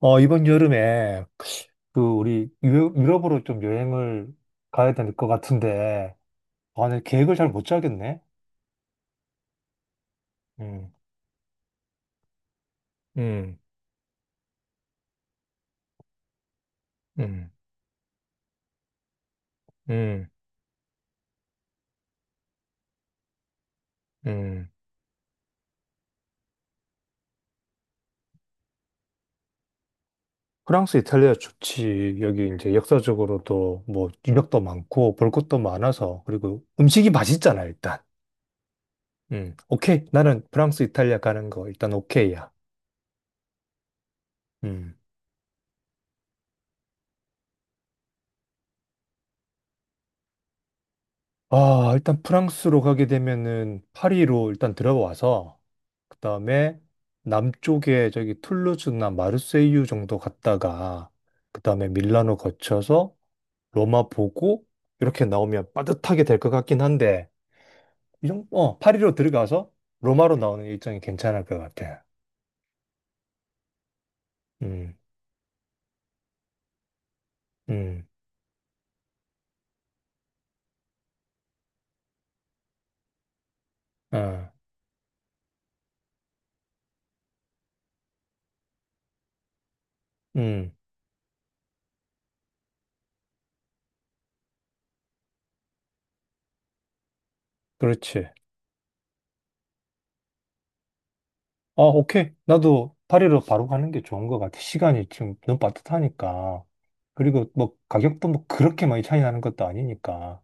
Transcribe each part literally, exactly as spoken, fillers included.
어, 이번 여름에 그 우리 유- 유럽으로 좀 여행을 가야 될 것 같은데, 아, 내 계획을 잘 못 짜겠네. 음, 음, 음, 음, 음. 프랑스, 이탈리아 좋지. 여기 이제 역사적으로도 뭐 유적도 많고 볼 것도 많아서 그리고 음식이 맛있잖아, 일단. 음, 오케이. 나는 프랑스, 이탈리아 가는 거 일단 오케이야. 음. 아, 일단 프랑스로 가게 되면은 파리로 일단 들어와서 그다음에 남쪽에 저기 툴루즈나 마르세유 정도 갔다가 그다음에 밀라노 거쳐서 로마 보고 이렇게 나오면 빠듯하게 될 것 같긴 한데 이 정도 어, 파리로 들어가서 로마로 나오는 일정이 괜찮을 것 같아. 음. 음. 아. 음. 그렇지. 아, 오케이. 나도 파리로 바로 가는 게 좋은 것 같아. 시간이 지금 너무 빠듯하니까. 그리고 뭐 가격도 뭐 그렇게 많이 차이 나는 것도 아니니까.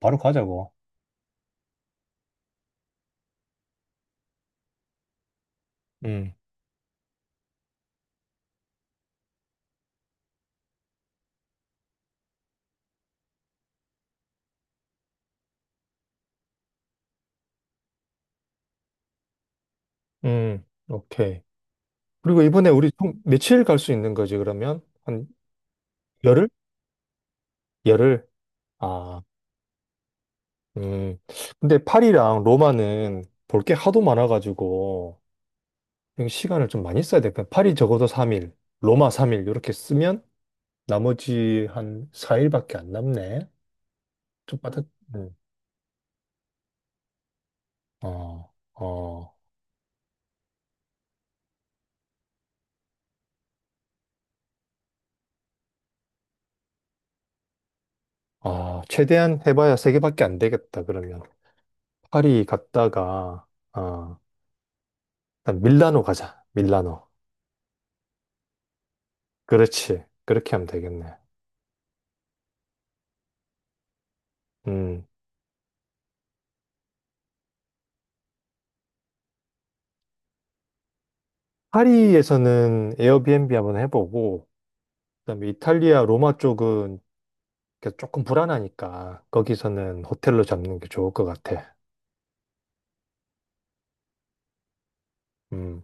바로 가자고. 음, 음, 오케이. 그리고 이번에 우리 총 며칠 갈 수 있는 거지, 그러면? 한 열흘? 열흘? 아, 음. 근데 파리랑 로마는 볼게 하도 많아가지고, 이거 시간을 좀 많이 써야 돼. 그냥 파리 적어도 삼 일, 로마 삼 일, 이렇게 쓰면 나머지 한 사 일밖에 안 남네. 좀 빠듯, 음. 어, 어, 아, 최대한 해봐야 세 개밖에 안 되겠다, 그러면. 파리 갔다가, 아, 일단 밀라노 가자, 밀라노. 그렇지. 그렇게 하면 되겠네. 음. 파리에서는 에어비앤비 한번 해보고, 그다음에 이탈리아 로마 쪽은 이렇게 조금 불안하니까, 거기서는 호텔로 잡는 게 좋을 것 같아. 음.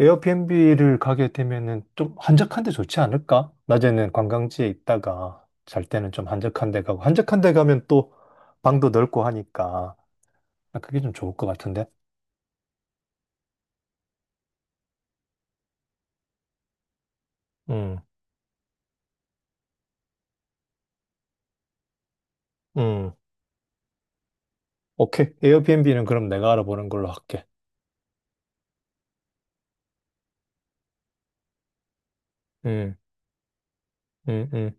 에어비앤비를 가게 되면은 좀 한적한 데 좋지 않을까? 낮에는 관광지에 있다가 잘 때는 좀 한적한 데 가고 한적한 데 가면 또 방도 넓고 하니까 아, 그게 좀 좋을 것 같은데. 음, 음, 오케이. 에어비앤비는 그럼 내가 알아보는 걸로 할게. 음, 음, 음.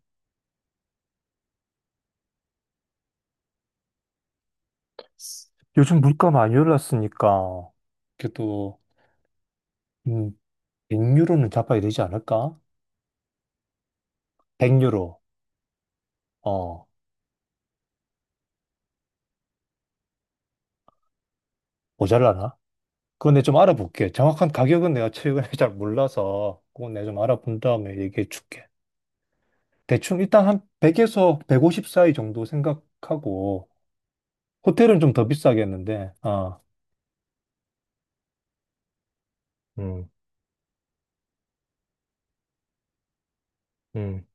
요즘 물가 많이 올랐으니까 그래도 음, 백 유로는 잡아야 되지 않을까? 백 유로. 어, 모자라나? 그건 내가 좀 알아볼게. 정확한 가격은 내가 최근에 잘 몰라서 그건 내가 좀 알아본 다음에 얘기해 줄게. 대충 일단 한 백에서 백오십 사이 정도 생각하고 호텔은 좀 더 비싸겠는데 아, 음, 음,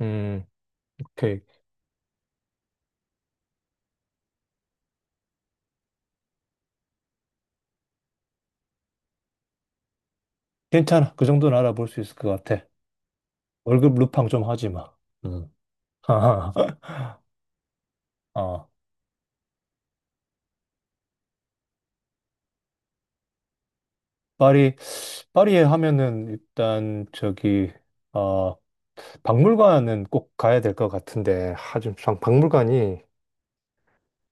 음, 오케이. 괜찮아. 그 정도는 알아볼 수 있을 것 같아. 월급 루팡 좀 하지 마. 음. 어, 파리, 파리에 하면은 일단 저기 어, 박물관은 꼭 가야 될 것 같은데, 하, 좀, 참 박물관이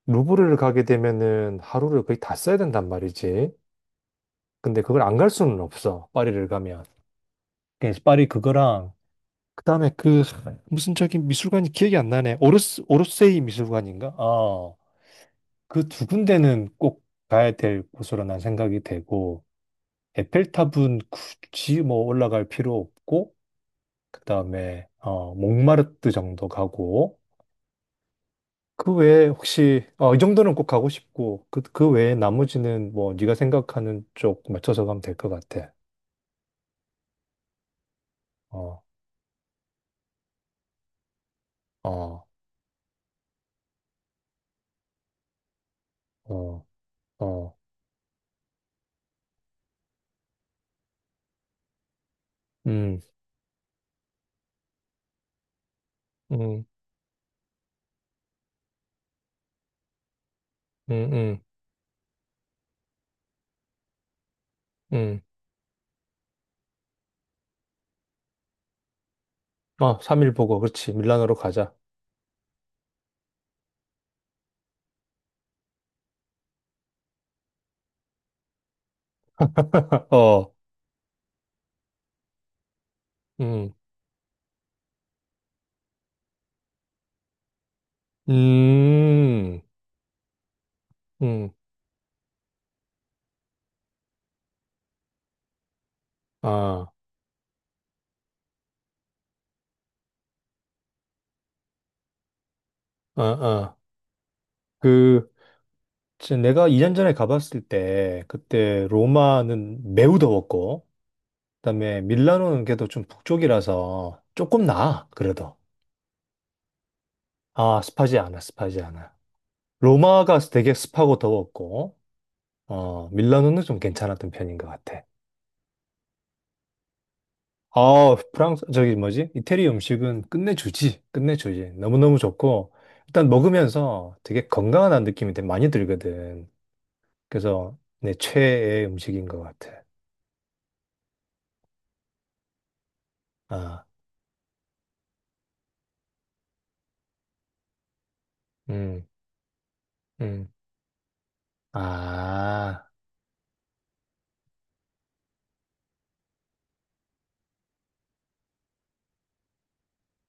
루브르를 가게 되면은 하루를 거의 다 써야 된단 말이지. 근데 그걸 안 갈 수는 없어. 파리를 가면. 그래서 파리 그거랑 그다음에 그 무슨 저기 미술관이 기억이 안 나네. 오르스 오르세이 미술관인가? 어. 그 두 군데는 꼭 가야 될 곳으로 난 생각이 되고 에펠탑은 굳이 뭐 올라갈 필요 없고 그다음에 어 몽마르트 정도 가고 그 외에 혹시 어, 이 정도는 꼭 가고 싶고 그, 그 외에 나머지는 뭐 네가 생각하는 쪽 맞춰서 가면 될 것 같아. 어, 어, 어, 어. 음, 음, 음, 음, 음. 아, 삼 일 보고 그렇지. 밀라노로 가자. 어, 음, 음, 음, 아, 아, 아. 그, 진짜 내가 이 년 전에 가봤을 때, 그때 로마는 매우 더웠고, 그다음에 밀라노는 그래도 좀 북쪽이라서 조금 나아, 그래도. 아, 습하지 않아, 습하지 않아. 로마가 되게 습하고 더웠고, 어, 밀라노는 좀 괜찮았던 편인 것 같아. 아, 프랑스, 저기 뭐지? 이태리 음식은 끝내주지, 끝내주지. 너무너무 좋고, 일단 먹으면서 되게 건강한 느낌이 되게 많이 들거든. 그래서 내 최애 음식인 것 같아. 아, 음, 음, 아,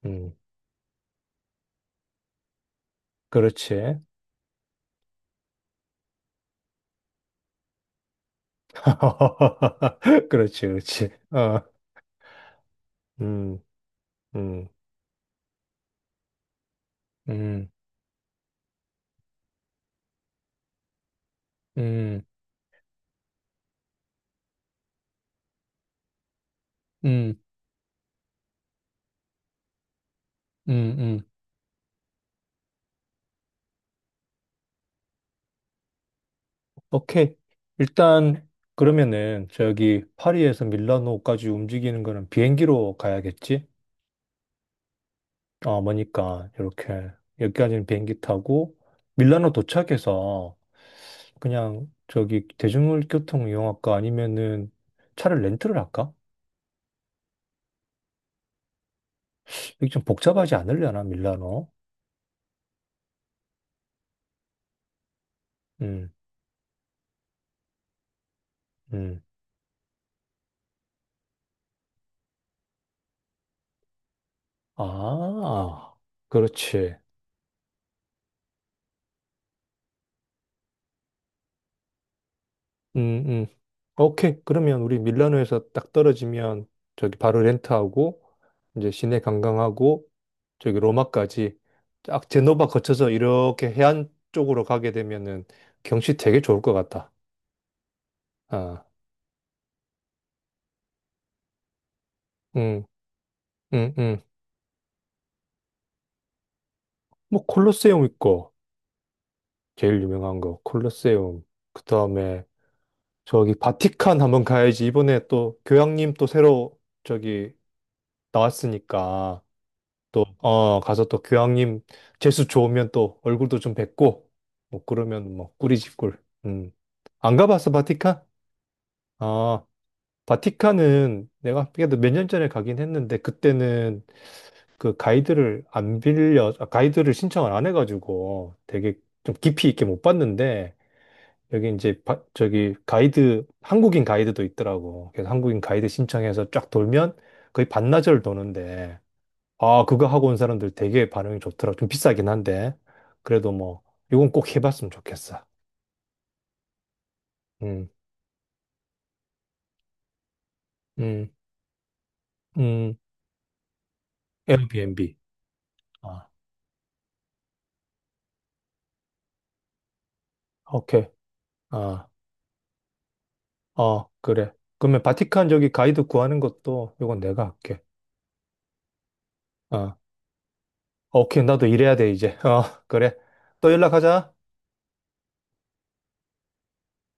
음, 그렇지. 그렇지, 그렇지. 어, 음, 음, 음, 음. 음. 음, 음. 오케이. 일단, 그러면은, 저기, 파리에서 밀라노까지 움직이는 거는 비행기로 가야겠지? 어, 뭐니까, 이렇게, 여기까지는 비행기 타고, 밀라노 도착해서, 그냥, 저기, 대중교통 이용할까? 아니면은, 차를 렌트를 할까? 이게 좀 복잡하지 않으려나, 밀라노? 음, 음. 아, 그렇지. 음, 음. 오케이. 그러면 우리 밀라노에서 딱 떨어지면 저기 바로 렌트하고 이제 시내 관광하고 저기 로마까지 딱 제노바 거쳐서 이렇게 해안 쪽으로 가게 되면은 경치 되게 좋을 것 같다. 아, 음, 음, 음. 뭐 콜로세움 있고 제일 유명한 거 콜로세움. 그 다음에 저기 바티칸 한번 가야지. 이번에 또 교황님 또 새로 저기 나왔으니까. 또, 어, 가서 또 교황님 재수 좋으면 또 얼굴도 좀 뵙고, 뭐, 그러면 뭐, 꿀이지, 꿀. 음. 안 가봤어, 바티칸? 아, 바티칸은 내가 그래도 몇 년 전에 가긴 했는데, 그때는 그 가이드를 안 빌려, 아, 가이드를 신청을 안 해가지고 되게 좀 깊이 있게 못 봤는데, 여기 이제, 바- 저기 가이드, 한국인 가이드도 있더라고. 그래서 한국인 가이드 신청해서 쫙 돌면 거의 반나절 도는데, 아, 그거 하고 온 사람들 되게 반응이 좋더라. 좀 비싸긴 한데. 그래도 뭐, 이건 꼭 해봤으면 좋겠어. 음, 음, 음, 에어비앤비. 아, 오케이. 아, 어, 그래. 그러면 바티칸 저기 가이드 구하는 것도 이건 내가 할게. 아, 오케이. 나도 일해야 돼, 이제. 어, 그래. 또 연락하자.